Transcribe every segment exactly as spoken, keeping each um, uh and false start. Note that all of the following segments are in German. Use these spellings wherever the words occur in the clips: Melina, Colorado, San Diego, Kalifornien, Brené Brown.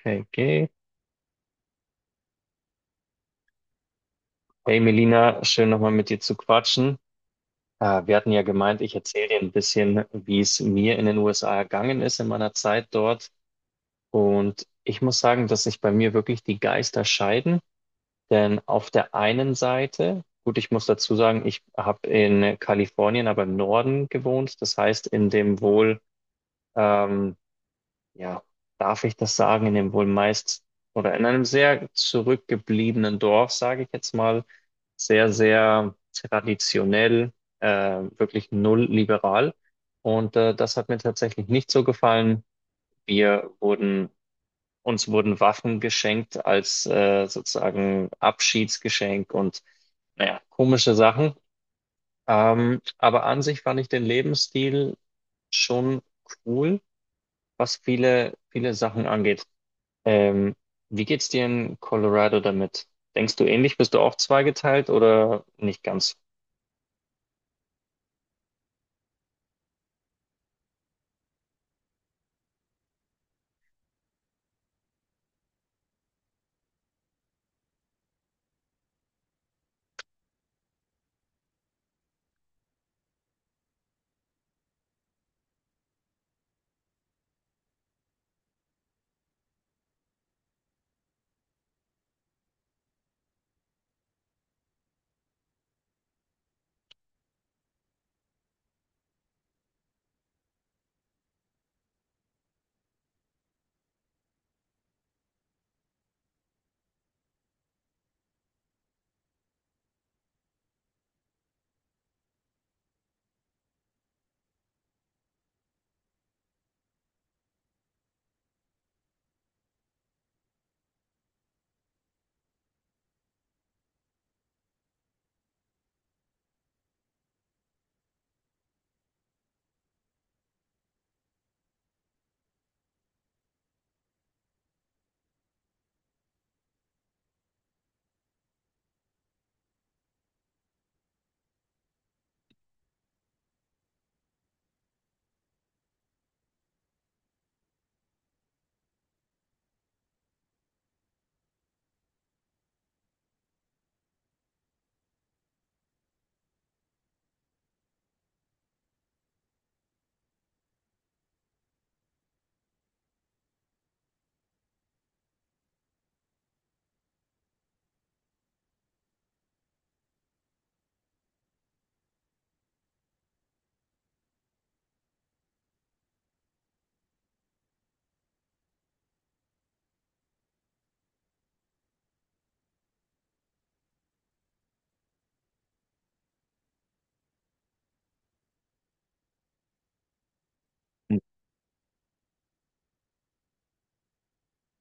Okay. okay. Hey Melina, schön nochmal mit dir zu quatschen. Äh, wir hatten ja gemeint, ich erzähle dir ein bisschen, wie es mir in den U S A ergangen ist in meiner Zeit dort. Und ich muss sagen, dass sich bei mir wirklich die Geister scheiden. Denn auf der einen Seite, gut, ich muss dazu sagen, ich habe in Kalifornien, aber im Norden gewohnt. Das heißt, in dem wohl ähm, ja, darf ich das sagen, in dem wohl meist oder in einem sehr zurückgebliebenen Dorf, sage ich jetzt mal, sehr, sehr traditionell, äh, wirklich null liberal. Und äh, das hat mir tatsächlich nicht so gefallen. Wir wurden, uns wurden Waffen geschenkt als äh, sozusagen Abschiedsgeschenk und naja, komische Sachen. Ähm, aber an sich fand ich den Lebensstil schon cool, was viele, viele Sachen angeht. Ähm, Wie geht's dir in Colorado damit? Denkst du ähnlich? Bist du auch zweigeteilt oder nicht ganz?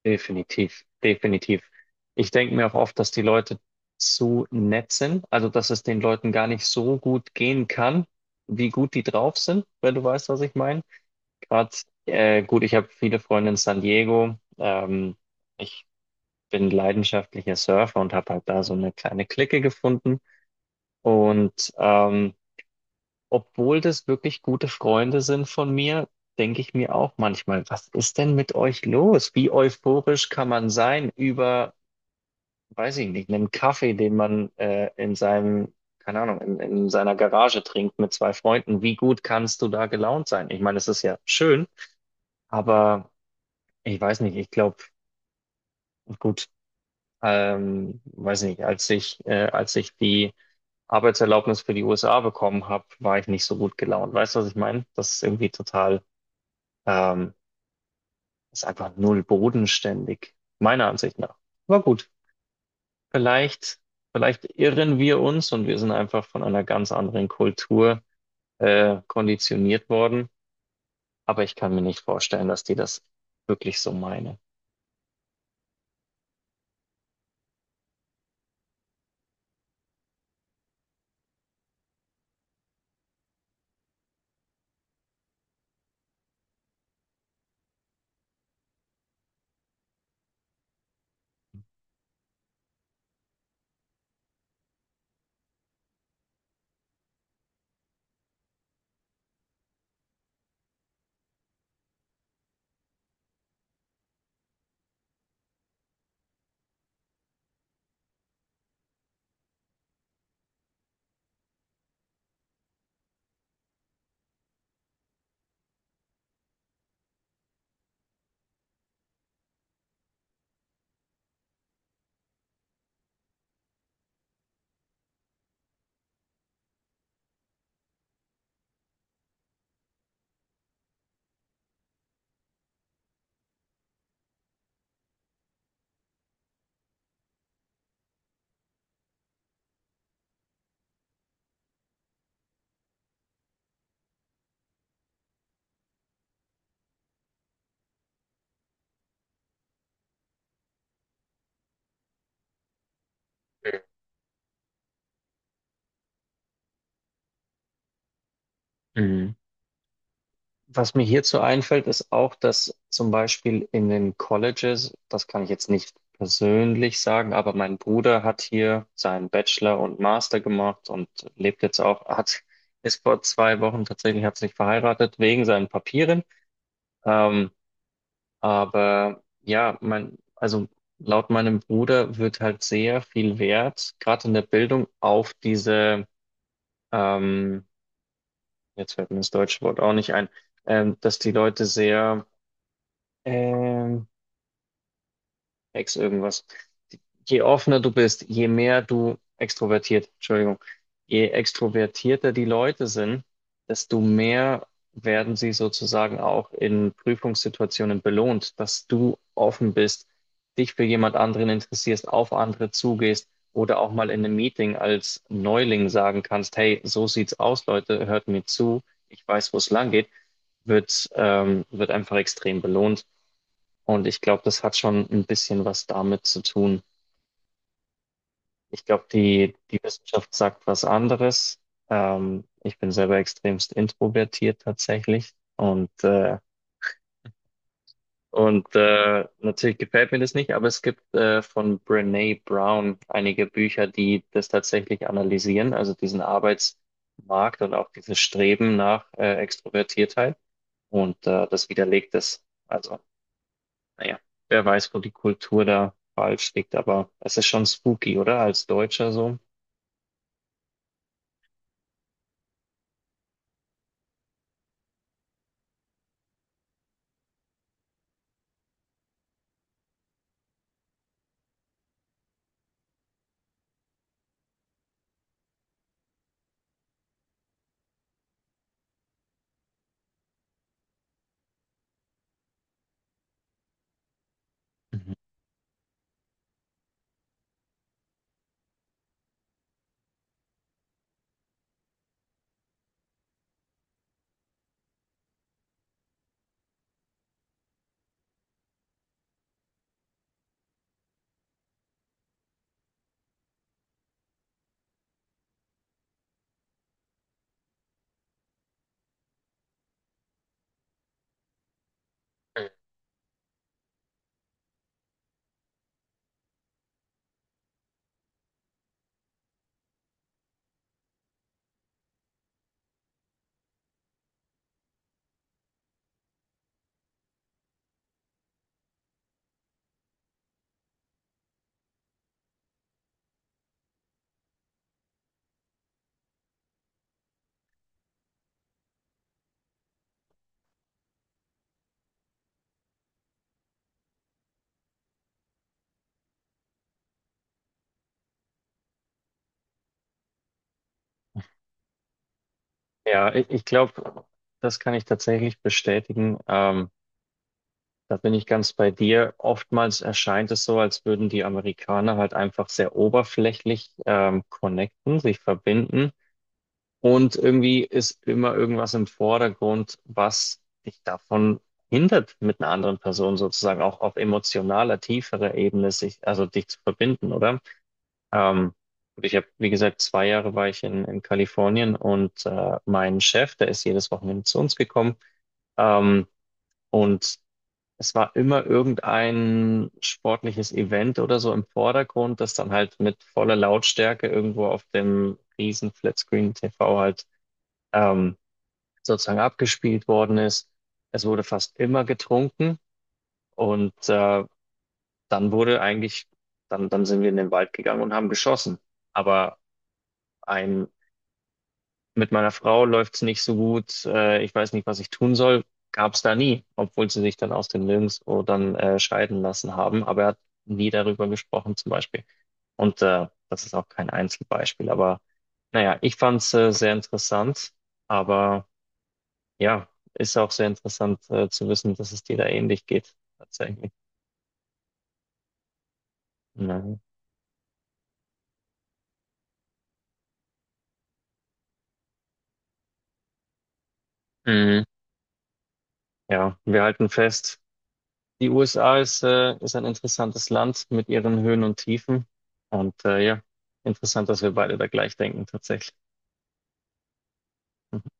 Definitiv, definitiv. Ich denke mir auch oft, dass die Leute zu nett sind, also dass es den Leuten gar nicht so gut gehen kann, wie gut die drauf sind, wenn du weißt, was ich meine. Gerade, äh, gut, ich habe viele Freunde in San Diego. Ähm, ich bin leidenschaftlicher Surfer und habe halt da so eine kleine Clique gefunden. Und ähm, obwohl das wirklich gute Freunde sind von mir, denke ich mir auch manchmal, was ist denn mit euch los? Wie euphorisch kann man sein über, weiß ich nicht, einen Kaffee, den man äh, in seinem, keine Ahnung, in, in seiner Garage trinkt mit zwei Freunden? Wie gut kannst du da gelaunt sein? Ich meine, es ist ja schön, aber ich weiß nicht, ich glaube, gut, ähm, weiß nicht, als ich, äh, als ich die Arbeitserlaubnis für die U S A bekommen habe, war ich nicht so gut gelaunt. Weißt du, was ich meine? Das ist irgendwie total Ähm, ist einfach null bodenständig, meiner Ansicht nach. Aber gut, vielleicht, vielleicht irren wir uns und wir sind einfach von einer ganz anderen Kultur äh, konditioniert worden. Aber ich kann mir nicht vorstellen, dass die das wirklich so meinen. Mhm. Was mir hierzu einfällt, ist auch, dass zum Beispiel in den Colleges, das kann ich jetzt nicht persönlich sagen, aber mein Bruder hat hier seinen Bachelor und Master gemacht und lebt jetzt auch, hat, ist vor zwei Wochen tatsächlich, hat sich verheiratet wegen seinen Papieren. Ähm, aber ja, mein, also laut meinem Bruder wird halt sehr viel Wert, gerade in der Bildung, auf diese, ähm, jetzt fällt mir das deutsche Wort auch nicht ein, ähm, dass die Leute sehr Ähm, ex irgendwas. Je offener du bist, je mehr du extrovertiert, Entschuldigung, je extrovertierter die Leute sind, desto mehr werden sie sozusagen auch in Prüfungssituationen belohnt, dass du offen bist, dich für jemand anderen interessierst, auf andere zugehst oder auch mal in einem Meeting als Neuling sagen kannst, hey, so sieht's aus, Leute, hört mir zu, ich weiß, wo es lang geht, wird, ähm, wird einfach extrem belohnt. Und ich glaube, das hat schon ein bisschen was damit zu tun. Ich glaube, die, die Wissenschaft sagt was anderes. Ähm, ich bin selber extremst introvertiert tatsächlich. Und, äh, und äh, natürlich gefällt mir das nicht, aber es gibt äh, von Brené Brown einige Bücher, die das tatsächlich analysieren, also diesen Arbeitsmarkt und auch dieses Streben nach äh, Extrovertiertheit. Und äh, das widerlegt es. Also naja, wer weiß, wo die Kultur da falsch liegt, aber es ist schon spooky, oder? Als Deutscher so. Mhm. Ja, ich, ich glaube, das kann ich tatsächlich bestätigen. Ähm, da bin ich ganz bei dir. Oftmals erscheint es so, als würden die Amerikaner halt einfach sehr oberflächlich ähm, connecten, sich verbinden. Und irgendwie ist immer irgendwas im Vordergrund, was dich davon hindert, mit einer anderen Person sozusagen auch auf emotionaler, tieferer Ebene sich, also dich zu verbinden, oder? Ähm, und ich habe, wie gesagt, zwei Jahre war ich in, in Kalifornien und äh, mein Chef, der ist jedes Wochenende zu uns gekommen. Ähm, und es war immer irgendein sportliches Event oder so im Vordergrund, das dann halt mit voller Lautstärke irgendwo auf dem riesen Flatscreen-T V halt ähm, sozusagen abgespielt worden ist. Es wurde fast immer getrunken und äh, dann wurde eigentlich, dann, dann sind wir in den Wald gegangen und haben geschossen. Aber ein mit meiner Frau läuft es nicht so gut, äh, ich weiß nicht, was ich tun soll, gab es da nie, obwohl sie sich dann aus dem Nirgendwo dann äh, scheiden lassen haben. Aber er hat nie darüber gesprochen zum Beispiel. Und äh, das ist auch kein Einzelbeispiel. Aber naja, ich fand es äh, sehr interessant. Aber ja, ist auch sehr interessant äh, zu wissen, dass es dir da ähnlich geht, tatsächlich. Ja. Mhm. Ja, wir halten fest. Die U S A ist, äh, ist ein interessantes Land mit ihren Höhen und Tiefen. Und äh, ja, interessant, dass wir beide da gleich denken tatsächlich. Hm.